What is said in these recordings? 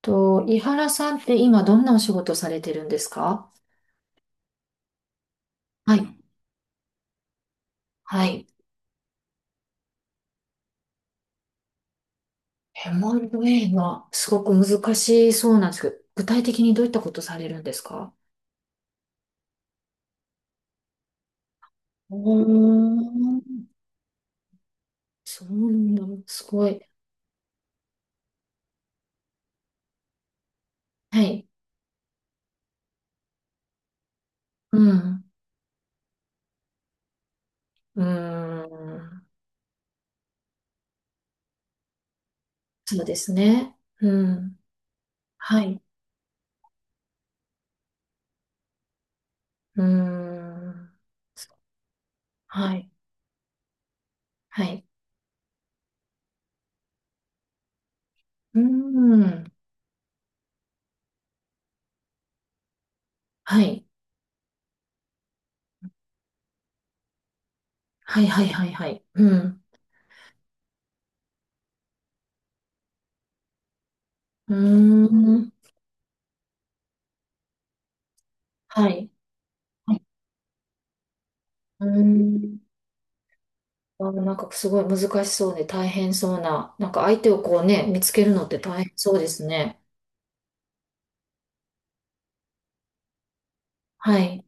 と、井原さんって今どんなお仕事されてるんですか？はい。はい。M&A がすごく難しそうなんですけど、具体的にどういったことされるんですか？うーん。そうなんだ。すごい。はい。うん。うーん。そうですね。うん。はい。うーん。はい。はい。うーん。はい。はいはいはいはい。うん。うーん。はい。はい。うーん。なんかすごい難しそうで大変そうな、なんか相手をこうね、見つけるのって大変そうですね。はい。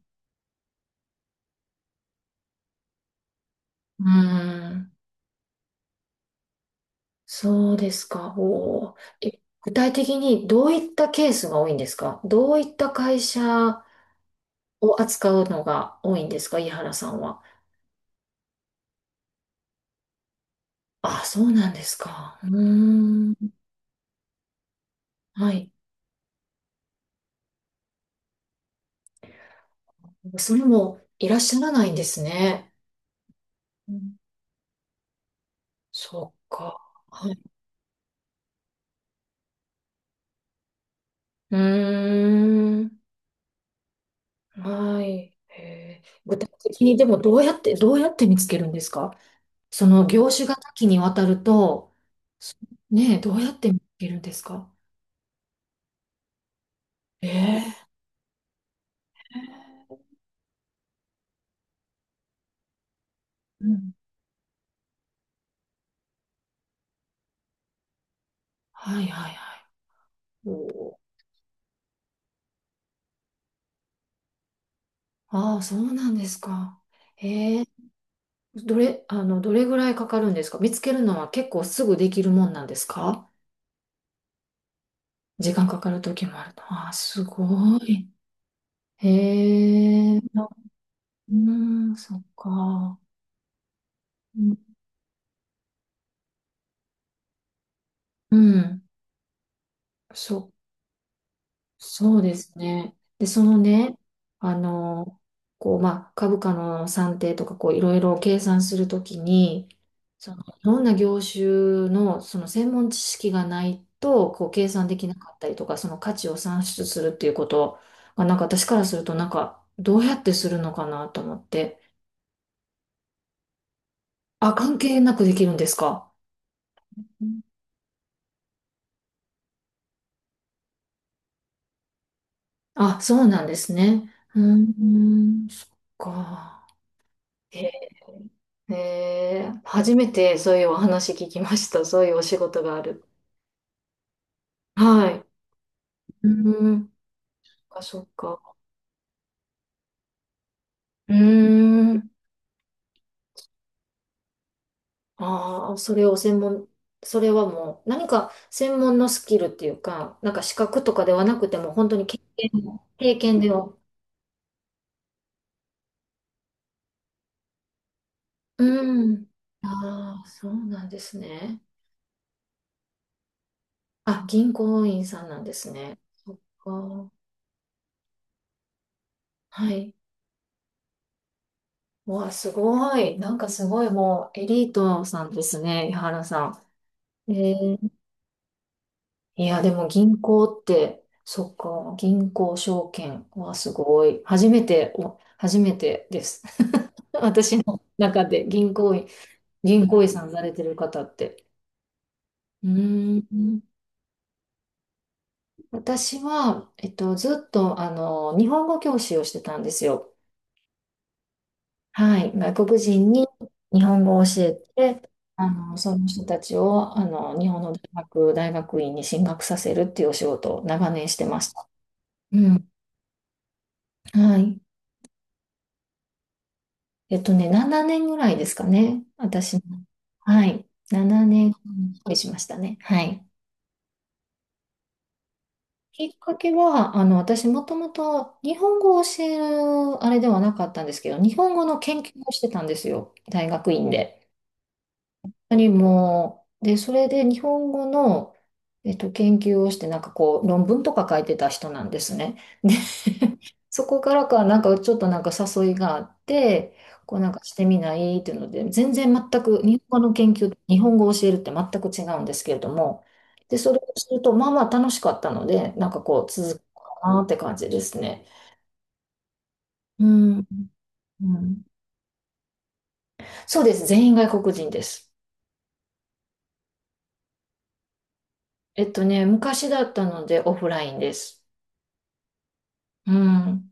うーん。そうですか。おー。え、具体的にどういったケースが多いんですか？どういった会社を扱うのが多いんですか、井原さんは。あ、そうなんですか。うーん。はい。それもいらっしゃらないんですね。うん。そっか。はい。うーん。はい。へえ、具体的にでもどうやって、どうやって見つけるんですか？その業種が多岐にわたると、そ、ねえ、どうやって見つけるんですか？ええ。うん。はいはいはい。おー。ああ、そうなんですか。ええ。どれ、どれぐらいかかるんですか？見つけるのは結構すぐできるもんなんですか？時間かかる時もあるの。ああ、すごい。へえ、な、うん、そっか。うん、うん、そっ、そうですね。で、そのね、あの、こう、まあ、株価の算定とか、こう、いろいろ計算するときに、その、いろんな業種の、その、専門知識がないと、こう、計算できなかったりとか、その価値を算出するっていうことが、私からすると、どうやってするのかなと思って。あ、関係なくできるんですか。うん。あ、そうなんですね。うーん、そっか。へえ、へー、初めてそういうお話聞きました。そういうお仕事がある。はい。うん。あ、そっか。うーん。ああ、それを専門、それはもう何か専門のスキルっていうか、なんか資格とかではなくても、本当に経験、経験では。うん。ああ、そうなんですね。あ、銀行員さんなんですね。そっか。はい。わあ、すごい。なんかすごいもうエリートさんですね、井原さん。えー、いや、でも銀行って、そっか、銀行証券はすごい。初めて、お、初めてです。私の中で銀行員、銀行員さんされてる方って。うーん。私は、ずっと、あの、日本語教師をしてたんですよ。はい、外国人に日本語を教えて、あの、その人たちを、あの、日本の大学、大学院に進学させるっていうお仕事を長年してました。うん。はい。えっとね、7年ぐらいですかね。私も、はい、7年ぐらいしましたね。はい。きっかけは、あの、私もともと日本語を教えるあれではなかったんですけど、日本語の研究をしてたんですよ。大学院で。にも、で、それで日本語の、研究をして、なんかこう、論文とか書いてた人なんですね。で、そこからか、なんかちょっとなんか誘いがあって、こうなんかしてみないっていうので、全然全く、日本語の研究、日本語を教えるって全く違うんですけれども、で、それをすると、まあまあ楽しかったので、なんかこう、続くかなって感じですね。うん、うん。そうです。全員外国人です。えっとね、昔だったのでオフラインです。うん。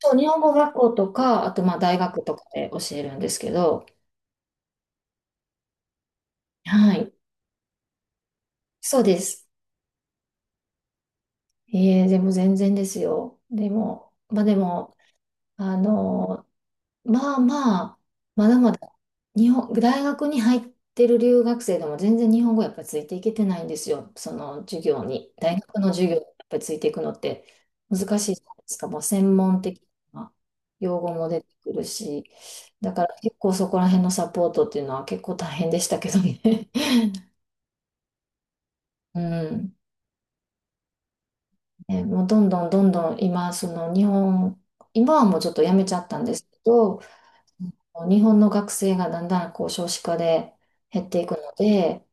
そう、日本語学校とか、あとまあ大学とかで教えるんですけど、はい、そうです。えー、でも全然ですよ。でも、まあでも、あの、まあまあ、まだまだ、日本、大学に入ってる留学生でも全然日本語やっぱりついていけてないんですよ。その授業に。大学の授業にやっぱりついていくのって難しいじゃないですか。もう専門的な用語も出てくるし。だから結構そこら辺のサポートっていうのは結構大変でしたけどね。うん。ね、もうどんどんどんどん今、その日本、今はもうちょっとやめちゃったんですけど、日本の学生がだんだんこう少子化で減っていくので、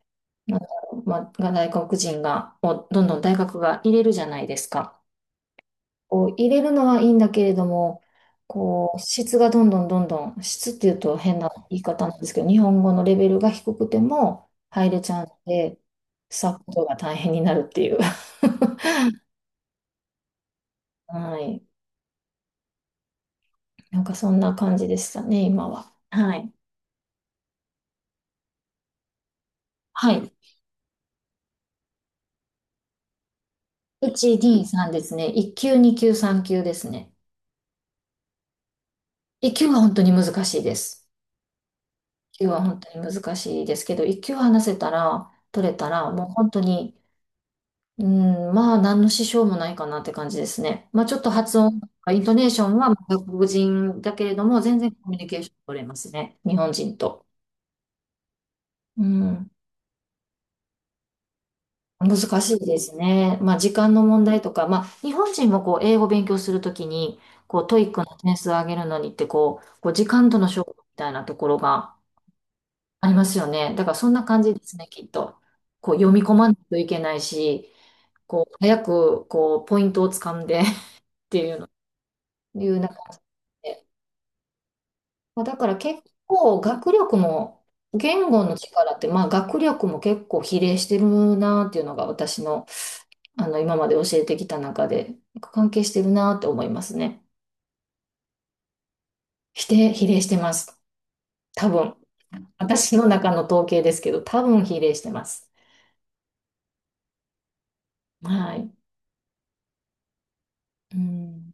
なんだろう、まあ、外国人が、をどんどん大学が入れるじゃないですか。こう入れるのはいいんだけれども、こう質がどんどんどんどん、質っていうと変な言い方なんですけど、日本語のレベルが低くても入れちゃうので、サポートが大変になるっていう。はい。なんかそんな感じでしたね、今は。はい。はい。D さんですね。1級、2級、3級ですね。一級は本当に難しいです。一級は本当に難しいですけど、一級話せたら、取れたら、もう本当に、うん、まあ、何の支障もないかなって感じですね。まあ、ちょっと発音、イントネーションは外国人だけれども、全然コミュニケーション取れますね。日本人と。うん、難しいですね。まあ、時間の問題とか、まあ、日本人もこう、英語勉強するときに、こう、トイック点数を上げるのにって、こう、こう時間との勝負みたいなところが、ありますよね。だからそんな感じですね、きっと。こう読み込まないといけないし、こう早くこうポイントをつかんで っていうの、いうな感じで。まあだから結構学力も、言語の力って、まあ学力も結構比例してるなっていうのが私の、あの今まで教えてきた中で関係してるなって思いますね。比例、比例してます。多分。私の中の統計ですけど、多分比例してます。はい。うん。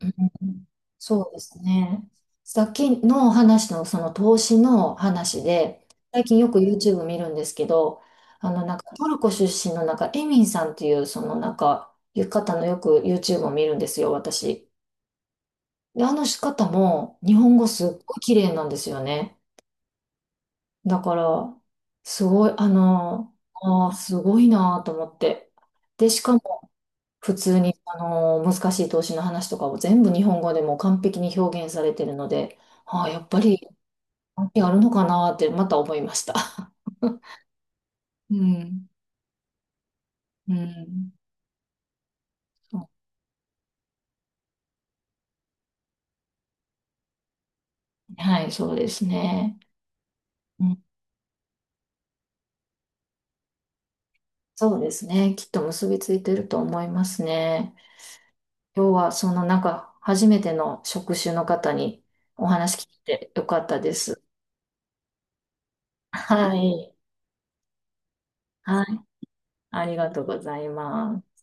うん、そうですね。さっきの話のその投資の話で、最近よく YouTube 見るんですけど、あのなんかトルコ出身のなんかエミンさんっていうそのなんかう方のよく YouTube を見るんですよ、私。で、あの方も日本語すっごい綺麗なんですよね。だから、すごい、あの、あー、すごいなと思って。で、しかも普通にあの難しい投資の話とかを全部日本語でも完璧に表現されてるので、ああ、やっぱり関係あるのかなってまた思いました。うん。うん。そう、はい、そうですね。うん、そうですね。きっと結びついてると思いますね。今日はそのなんか初めての職種の方にお話聞いてよかったです。はい。はい。ありがとうございます。